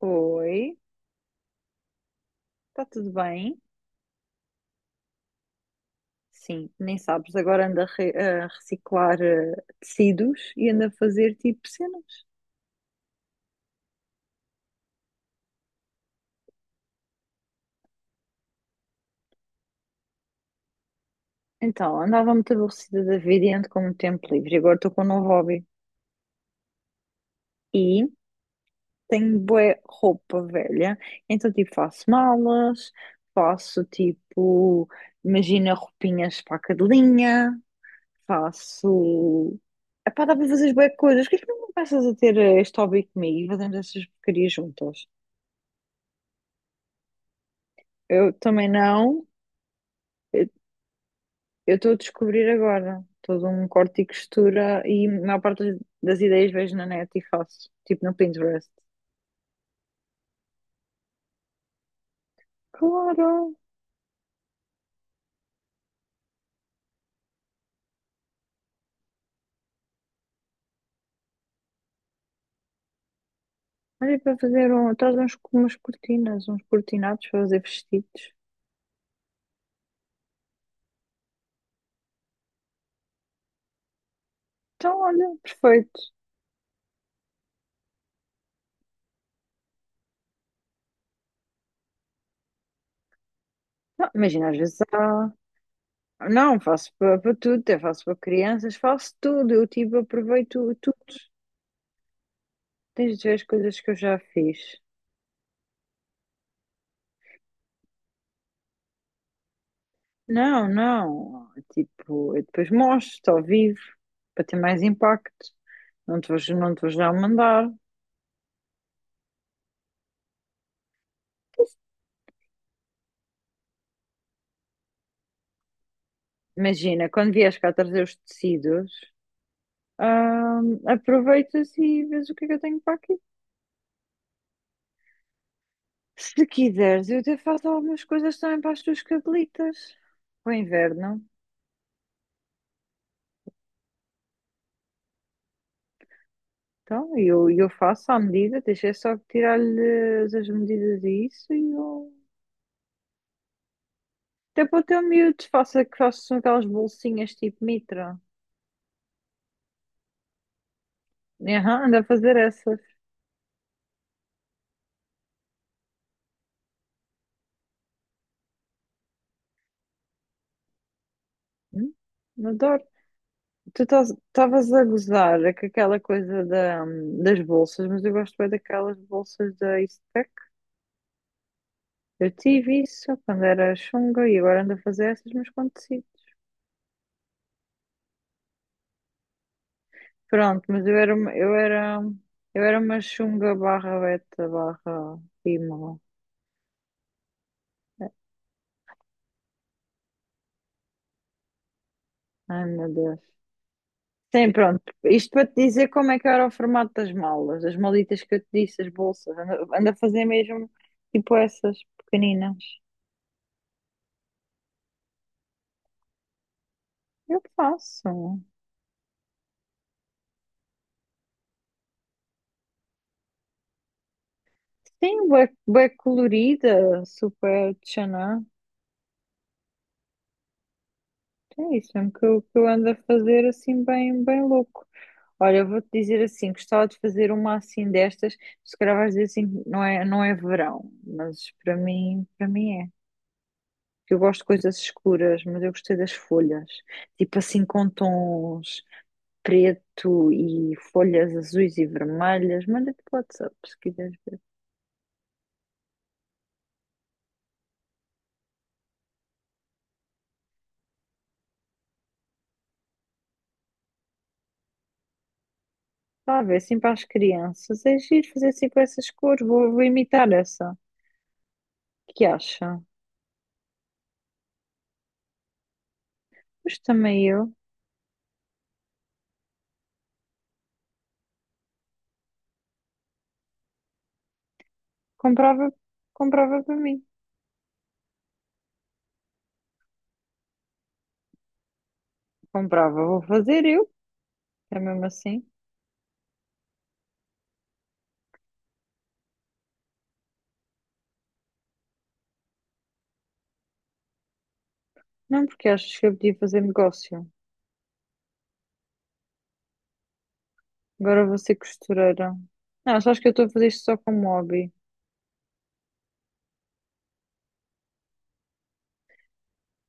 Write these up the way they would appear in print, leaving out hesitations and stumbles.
Oi, está tudo bem? Sim, nem sabes, agora ando a reciclar tecidos e ando a fazer tipo cenas. Então, andava muito aborrecida da vida e ando com muito tempo livre, e agora estou com um novo hobby. E tenho bué roupa velha, então tipo faço malas, faço tipo, imagina roupinhas para a cadelinha, faço... Epá, dá para fazer bué coisas, o que é que não começas a ter este hobby comigo e fazemos essas porcarias juntas? Eu também não. Eu estou a descobrir agora. Todo um corte e costura e a maior parte das ideias vejo na net e faço. Tipo no Pinterest. Claro! Olha para fazer um, traz uns, umas cortinas, uns cortinados para fazer vestidos. Então, olha, perfeito. Não, imagina, às vezes há. Não, faço para tudo, até faço para crianças, faço tudo. Eu tipo aproveito tudo. Tens de ver as coisas que eu já fiz. Não, não. Tipo, eu depois mostro ao vivo para ter mais impacto. Não te vou já mandar. Imagina, quando vieres cá trazer os tecidos, aproveitas e vês o que é que eu tenho para aqui. Se quiseres, eu até faço algumas coisas também para as tuas cabelitas. Para o inverno. Então, eu faço à medida, deixa eu só tirar-lhe as medidas e isso e eu. Até para o teu miúdo, faça que façam aquelas bolsinhas tipo mitra. Aham, anda a fazer essas. Hum. Adoro. Tu estavas a gozar com aquela coisa da, das bolsas, mas eu gosto bem daquelas bolsas da Eastpak. Eu tive isso quando era chunga e agora ando a fazer essas, mas quando consigo. Pronto, mas eu era, eu era uma chunga barra beta barra pímola. Ai, meu Deus. Sim, pronto. Isto para te dizer como é que era o formato das malas, as malitas que eu te disse, as bolsas. Anda, anda a fazer mesmo tipo essas pequeninas. Eu faço. Sim, bué, bué colorida, super tchaná. É isso mesmo que eu ando a fazer assim bem, bem louco. Olha, eu vou-te dizer assim, gostava de fazer uma assim destas, se calhar vais dizer assim, não é, não é verão, mas para mim é. Eu gosto de coisas escuras, mas eu gostei das folhas, tipo assim com tons preto e folhas azuis e vermelhas. Manda-te pelo WhatsApp se quiseres ver. Está a ver, assim para as crianças, é giro fazer assim com essas cores, vou imitar essa. Que acha? Mas também eu comprava, comprava para mim. Comprava, vou fazer eu, é mesmo assim. Não, porque achas que eu podia fazer negócio. Agora vou ser costureira. Não, só acho que eu estou a fazer isto só como hobby.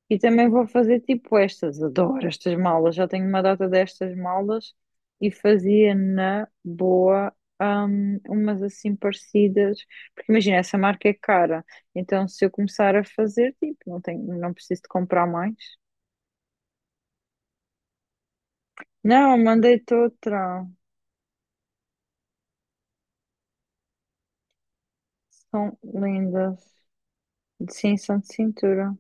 E também vou fazer tipo estas. Adoro estas malas. Já tenho uma data destas malas e fazia na boa. Umas assim parecidas, porque imagina, essa marca é cara, então se eu começar a fazer, tipo, não tenho, não preciso de comprar mais. Não, mandei-te outra. São lindas. Sim, são de cintura.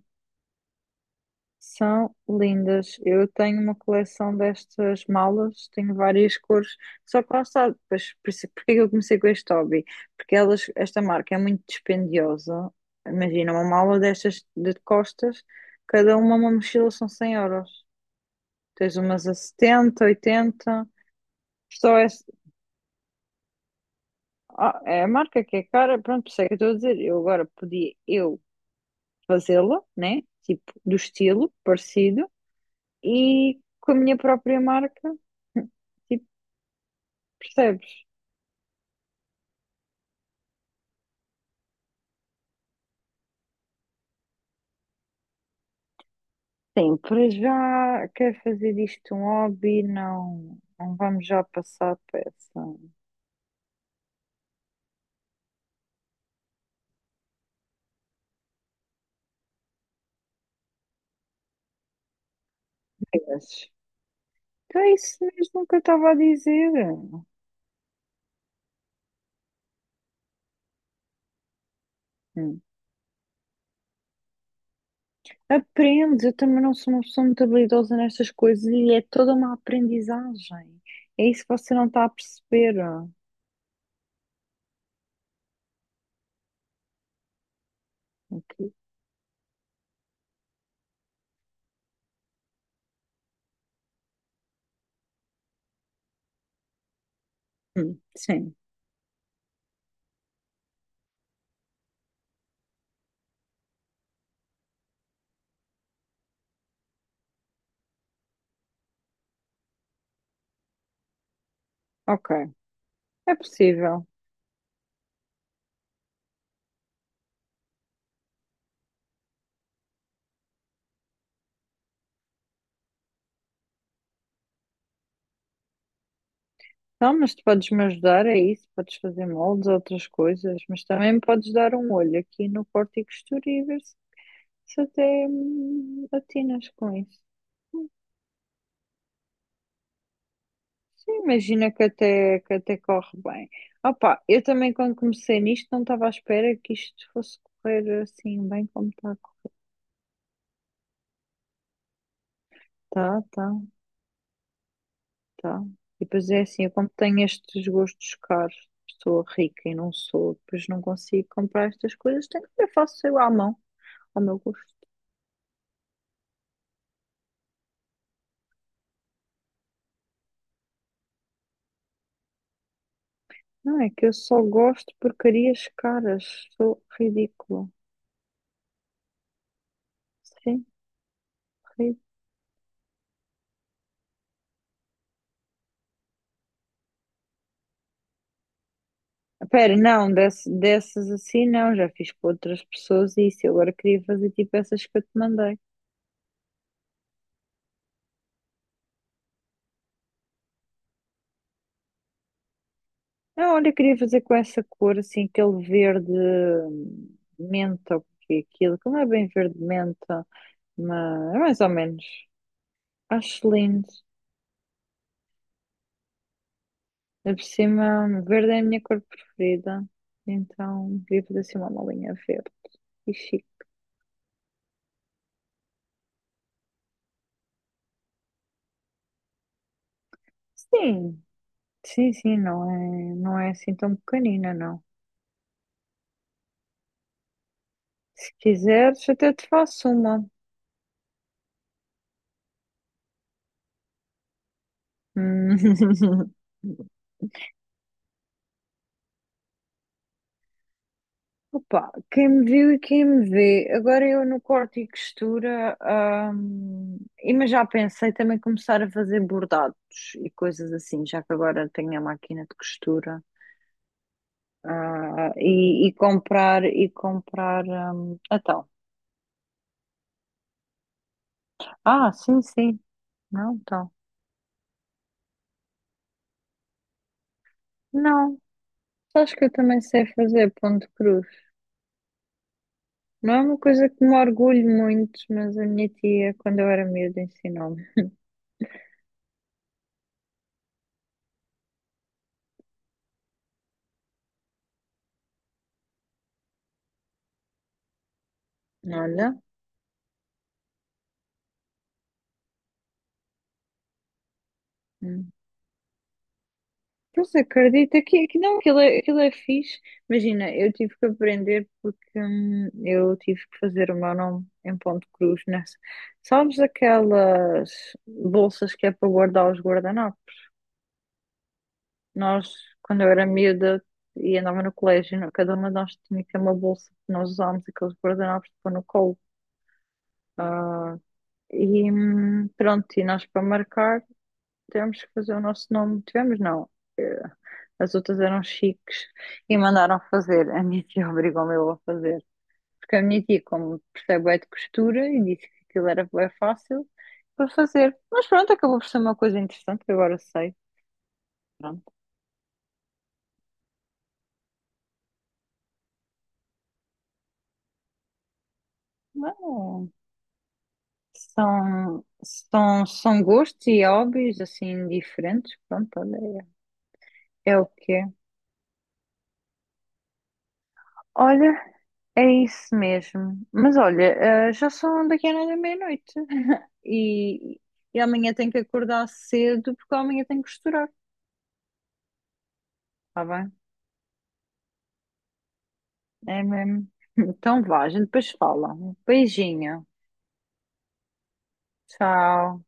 São lindas. Eu tenho uma coleção destas malas, tenho várias cores. Só que lá está, depois, por isso- porque é que eu comecei com este hobby? Porque elas, esta marca é muito dispendiosa. Imagina, uma mala destas de costas, cada uma mochila são 100 euros. Tens umas a 70, 80. Só é, ah, é a marca que é cara, pronto, por isso é que eu estou a dizer. Eu agora podia, eu fazê-la, né? Tipo, do estilo parecido e com a minha própria marca, tipo, percebes? Sim, para já quer fazer disto um hobby, não, não vamos já passar para essa. Yes. Então é isso mesmo que eu estava a dizer. Hum. Aprende, eu também não sou uma pessoa muito habilidosa nestas coisas e é toda uma aprendizagem. É isso que você não está a perceber. Ok. Hum. Sim, ok. É possível. Não, mas tu podes me ajudar, é isso. Podes fazer moldes, outras coisas, mas também me podes dar um olho aqui no corte e costura e ver se até atinas com isso. Sim, imagina que até corre bem. Opa, eu também quando comecei nisto não estava à espera que isto fosse correr assim bem como está a correr. Tá, tá, tá. E depois é assim, eu como tenho estes gostos caros, sou rica e não sou, depois não consigo comprar estas coisas, tenho que eu faço eu à mão, ao meu gosto. Não, é que eu só gosto de porcarias caras. Sou ridícula. Sim, ridícula. Pera, não, dessas assim não. Já fiz com outras pessoas e isso. Eu agora queria fazer tipo essas que eu te mandei. Não, olha, eu queria fazer com essa cor, assim, aquele verde menta, ou que é aquilo, que não é bem verde menta, mas é mais ou menos. Acho lindo. Ainda por cima, verde é a minha cor preferida. Então, queria fazer assim uma malinha verde. E chique. Sim. Sim, sim, não é, não é assim tão pequenina, não. Se quiseres, até te faço uma. Hum. Opa, quem me viu e quem me vê. Agora eu no corte e costura, e mas já pensei também começar a fazer bordados e coisas assim, já que agora tenho a máquina de costura. Ah, e comprar, então. Ah, sim, sim. Não, então. Não, acho que eu também sei fazer ponto cruz. Não é uma coisa que me orgulho muito, mas a minha tia, quando eu era miúda, ensinou-me. Olha, hum, pois acredita que não, aquilo é fixe. Imagina, eu tive que aprender porque eu tive que fazer o meu nome em ponto cruz nessa. Sabes aquelas bolsas que é para guardar os guardanapos? Nós, quando eu era miúda e andava no colégio, não- cada uma de nós tinha que ter uma bolsa que nós usámos aqueles guardanapos para pôr no colo. Ah, e pronto, e nós para marcar tivemos que fazer o nosso nome. Tivemos, não. eh, As outras eram chiques e mandaram fazer. A minha tia obrigou-me eu a fazer. Porque a minha tia, como percebe é de costura, e disse que aquilo era bem fácil para fazer. Mas pronto, acabou por ser uma coisa interessante, que agora sei. Pronto. Não, são gostos e hobbies assim diferentes. Pronto, olha, é o que é. Olha, é isso mesmo. Mas olha, já são daqui a nada meia-noite. E, e amanhã tenho que acordar cedo porque amanhã tenho que costurar. Tá bem? É mesmo. Então vá, a gente depois fala. Beijinho. Tchau.